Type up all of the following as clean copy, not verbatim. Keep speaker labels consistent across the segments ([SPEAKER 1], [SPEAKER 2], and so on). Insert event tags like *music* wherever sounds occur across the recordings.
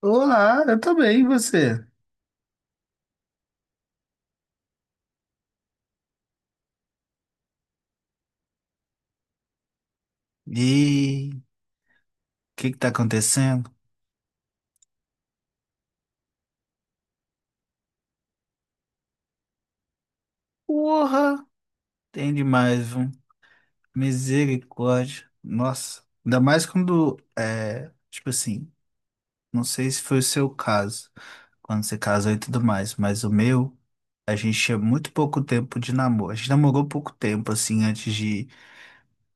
[SPEAKER 1] Olá, eu tô bem, e você? E o que tá acontecendo? Porra, tem demais, viu? Misericórdia. Nossa, ainda mais quando é, tipo assim, não sei se foi o seu caso, quando você casou e tudo mais, mas o meu, a gente tinha muito pouco tempo de namoro. A gente namorou pouco tempo assim antes de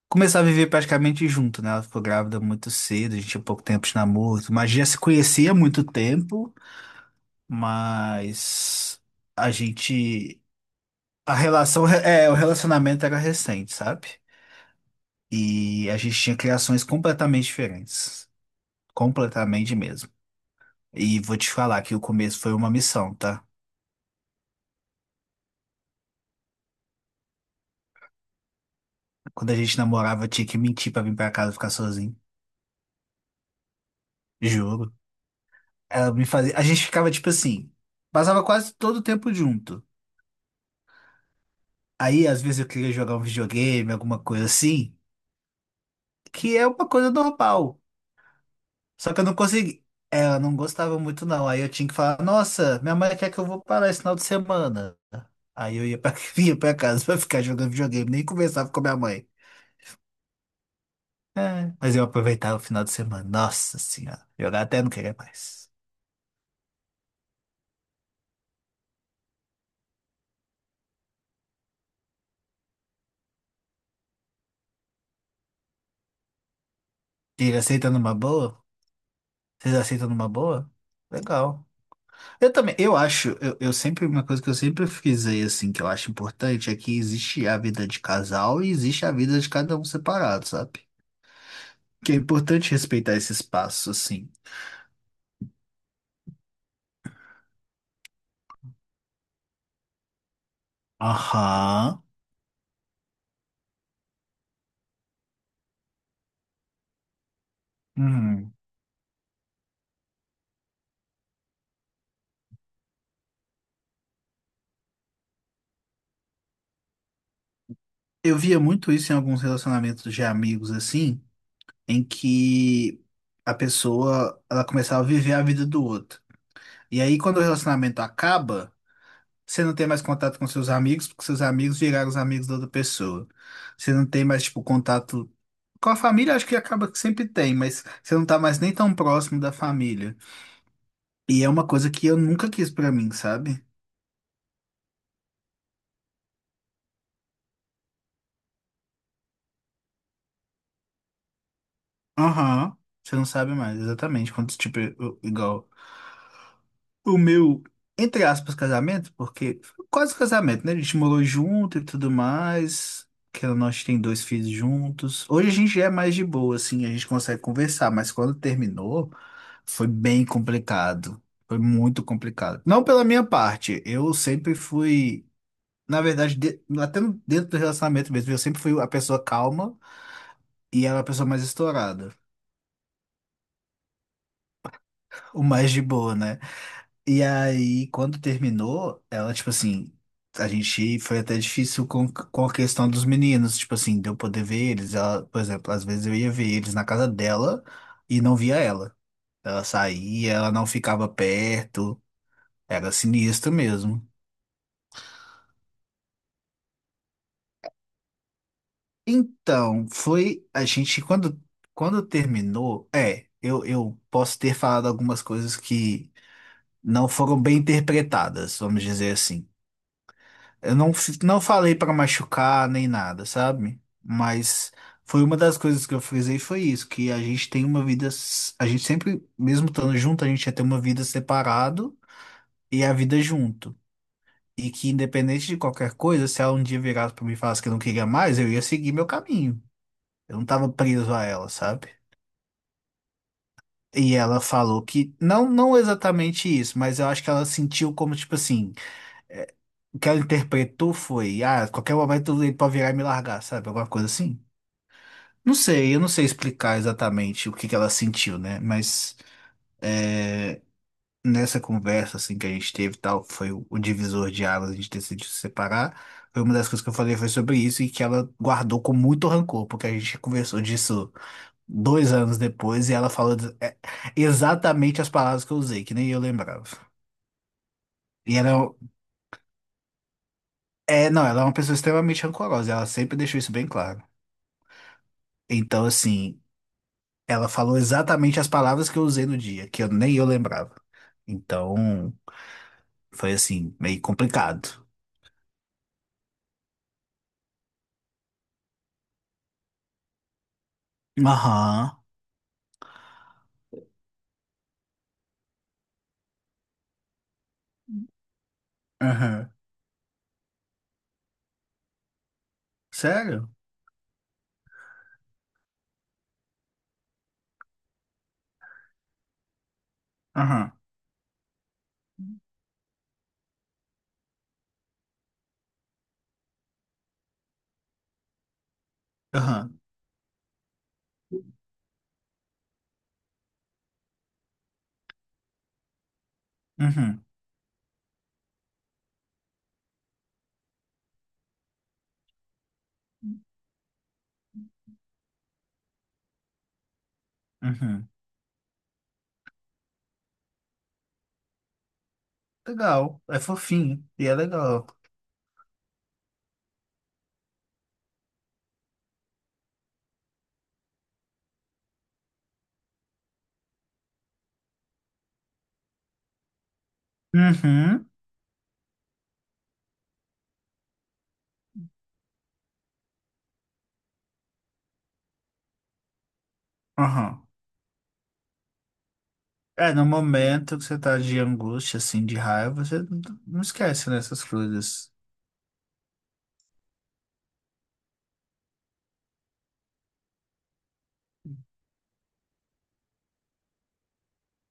[SPEAKER 1] começar a viver praticamente junto, né? Ela ficou grávida muito cedo, a gente tinha pouco tempo de namoro, mas já se conhecia há muito tempo. Mas a gente. A relação. É, o relacionamento era recente, sabe? E a gente tinha criações completamente diferentes. Completamente mesmo. E vou te falar que o começo foi uma missão, tá? Quando a gente namorava, eu tinha que mentir pra vir pra casa ficar sozinho. Juro. Ela me fazia. A gente ficava tipo assim. Passava quase todo o tempo junto. Aí, às vezes, eu queria jogar um videogame, alguma coisa assim, que é uma coisa normal. Só que eu não consegui. Ela não gostava muito, não. Aí eu tinha que falar, nossa, minha mãe quer que eu vou parar esse final de semana. Aí eu ia pra, *laughs* ia pra casa pra ficar jogando videogame, nem conversava com a minha mãe. É, mas eu aproveitava o final de semana. Nossa senhora. Jogar até não querer mais. E ele aceita numa boa? Vocês aceitam numa boa? Legal. Eu também, eu acho, eu sempre, uma coisa que eu sempre frisei, assim, que eu acho importante é que existe a vida de casal e existe a vida de cada um separado, sabe? Que é importante respeitar esse espaço, assim. Aham. Uhum. Eu via muito isso em alguns relacionamentos de amigos, assim, em que a pessoa, ela começava a viver a vida do outro. E aí, quando o relacionamento acaba, você não tem mais contato com seus amigos, porque seus amigos viraram os amigos da outra pessoa. Você não tem mais, tipo, contato com a família, acho que acaba que sempre tem, mas você não tá mais nem tão próximo da família. E é uma coisa que eu nunca quis pra mim, sabe? Aham. Você não sabe mais, exatamente. Quando, tipo, igual. O meu, entre aspas, casamento, porque foi quase casamento, né? A gente morou junto e tudo mais. Que nós tem dois filhos juntos. Hoje a gente já é mais de boa, assim, a gente consegue conversar, mas quando terminou, foi bem complicado. Foi muito complicado. Não pela minha parte, eu sempre fui, na verdade, de- até no- dentro do relacionamento mesmo, eu sempre fui a pessoa calma e ela é a pessoa mais estourada, o mais de boa, né? E aí, quando terminou, ela, tipo assim, a gente foi até difícil com a questão dos meninos, tipo assim, de eu poder ver eles. Ela, por exemplo, às vezes eu ia ver eles na casa dela e não via ela. Ela saía, ela não ficava perto, era sinistro mesmo. Então, foi a gente, quando, quando terminou, eu posso ter falado algumas coisas que não foram bem interpretadas, vamos dizer assim. Eu não, fi- Não falei pra machucar nem nada, sabe? Mas foi uma das coisas que eu frisei foi isso, que a gente tem uma vida, a gente sempre, mesmo estando junto, a gente ia ter uma vida separado e a vida junto. E que independente de qualquer coisa, se ela um dia virasse pra mim e falasse que não queria mais, eu ia seguir meu caminho. Eu não tava preso a ela, sabe? E ela falou que, não, não exatamente isso, mas eu acho que ela sentiu como, tipo assim, é, o que ela interpretou foi, ah, qualquer momento ele pode virar e me largar, sabe? Alguma coisa assim. Não sei, eu não sei explicar exatamente o que que ela sentiu, né? Mas nessa conversa assim que a gente teve e tal, foi o divisor de águas, a gente decidiu se separar. Foi uma das coisas que eu falei foi sobre isso e que ela guardou com muito rancor, porque a gente conversou disso 2 anos depois e ela falou exatamente as palavras que eu usei, que nem eu lembrava. E ela é, um- é, não, Ela é uma pessoa extremamente rancorosa, ela sempre deixou isso bem claro. Então, assim, ela falou exatamente as palavras que eu usei no dia, que eu nem eu lembrava. Então. Foi assim, meio complicado. Aham. Aham. Sério? Aham. Aham. Uhum. Uhum. Legal. É fofinho. E é legal. Uhum. Aham. É, no momento que você tá de angústia, assim, de raiva, você não esquece nessas coisas.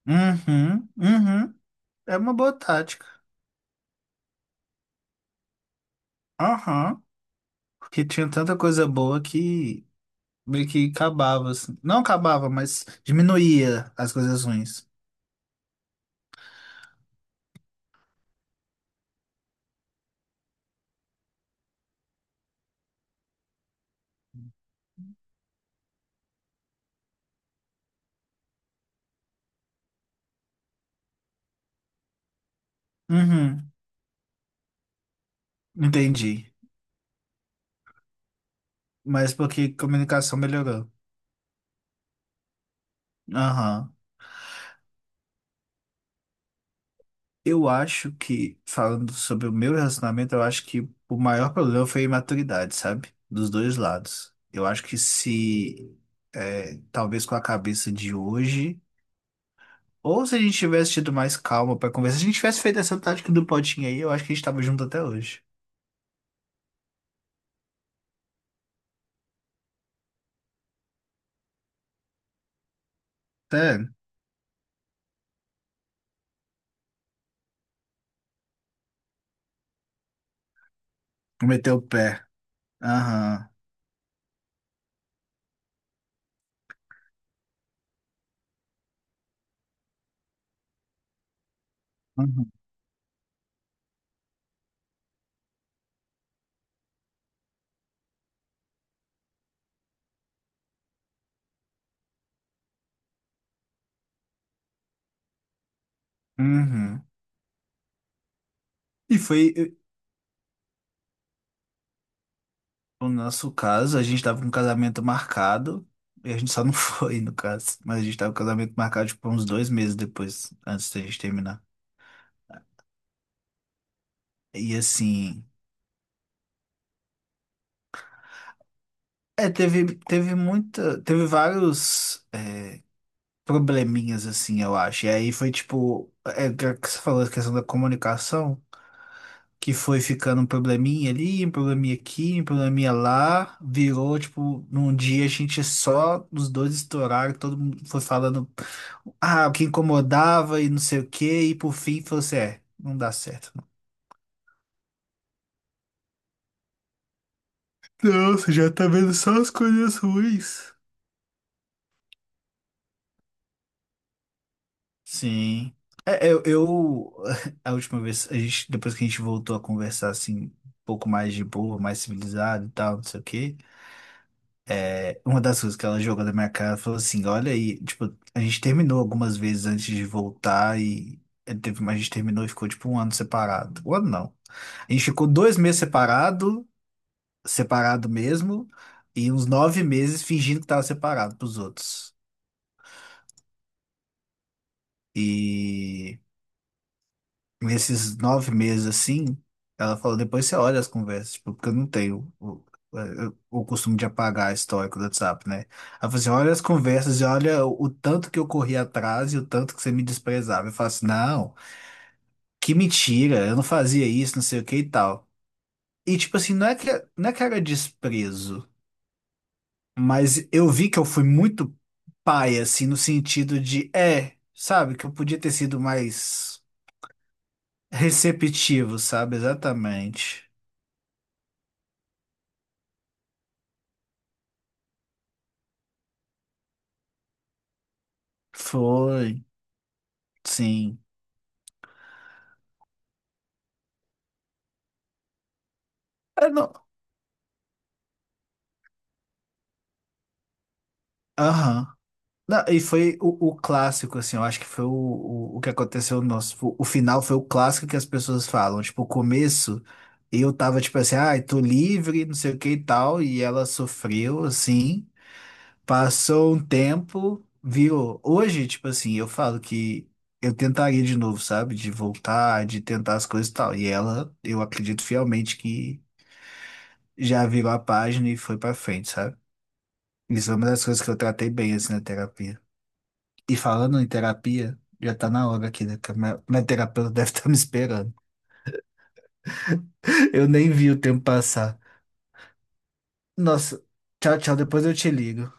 [SPEAKER 1] Uhum. Uhum. É uma boa tática. Aham. Porque tinha tanta coisa boa que meio que acabava, assim. Não acabava, mas diminuía as coisas ruins. Uhum, entendi. Mas porque comunicação melhorou. Aham. Eu acho que, falando sobre o meu relacionamento, eu acho que o maior problema foi a imaturidade, sabe? Dos dois lados. Eu acho que se, é, talvez com a cabeça de hoje, ou se a gente tivesse tido mais calma pra conversar, se a gente tivesse feito essa tática do potinho aí, eu acho que a gente tava junto até hoje. Sério, meteu o pé. Aham. Uhum. Uhum. E foi, no nosso caso, a gente tava com um casamento marcado, e a gente só não *laughs* foi, no caso. Mas a gente tava com um casamento marcado, tipo, uns 2 meses depois, antes da gente terminar. E assim, teve muita, teve vários probleminhas, assim, eu acho. E aí foi, tipo, que você falou a questão da comunicação. Que foi ficando um probleminha ali, um probleminha aqui, um probleminha lá, virou, tipo, num dia a gente só, os dois estouraram, todo mundo foi falando, ah, o que incomodava e não sei o quê, e por fim falou assim, não dá certo. Nossa, já tá vendo só as coisas ruins. Sim. É, eu, eu- *laughs* a última vez, a gente, depois que a gente voltou a conversar, assim, um pouco mais de boa, mais civilizado e tal, não sei o quê, uma das coisas que ela jogou na minha cara, falou assim, olha aí, tipo, a gente terminou algumas vezes antes de voltar e ele teve, mas a gente terminou e ficou tipo um ano separado. Um ano não. A gente ficou 2 meses separado, separado mesmo, e uns 9 meses fingindo que tava separado pros outros. E nesses 9 meses assim, ela falou, depois você olha as conversas, tipo, porque eu não tenho o, o costume de apagar histórico do WhatsApp, né? Ela falou assim, olha as conversas e olha o tanto que eu corri atrás e o tanto que você me desprezava. Eu falo assim, não, que mentira, eu não fazia isso, não sei o que e tal. E tipo assim, não é que era desprezo, mas eu vi que eu fui muito pai, assim, no sentido de, é, sabe, que eu podia ter sido mais receptivo, sabe? Exatamente. Foi, sim. É, não, aham. Não, e foi o clássico, assim, eu acho que foi o, o que aconteceu no nosso. O final foi o clássico que as pessoas falam. Tipo, o começo, eu tava tipo assim, ai, tô livre, não sei o que e tal, e ela sofreu, assim. Passou um tempo, virou. Hoje, tipo assim, eu falo que eu tentaria de novo, sabe? De voltar, de tentar as coisas e tal. E ela, eu acredito fielmente que já virou a página e foi pra frente, sabe? Isso é uma das coisas que eu tratei bem assim na terapia. E falando em terapia, já tá na hora aqui, né? Que a minha, minha terapeuta deve *laughs* estar me esperando. Eu nem vi o tempo passar. Nossa, tchau, tchau. Depois eu te ligo.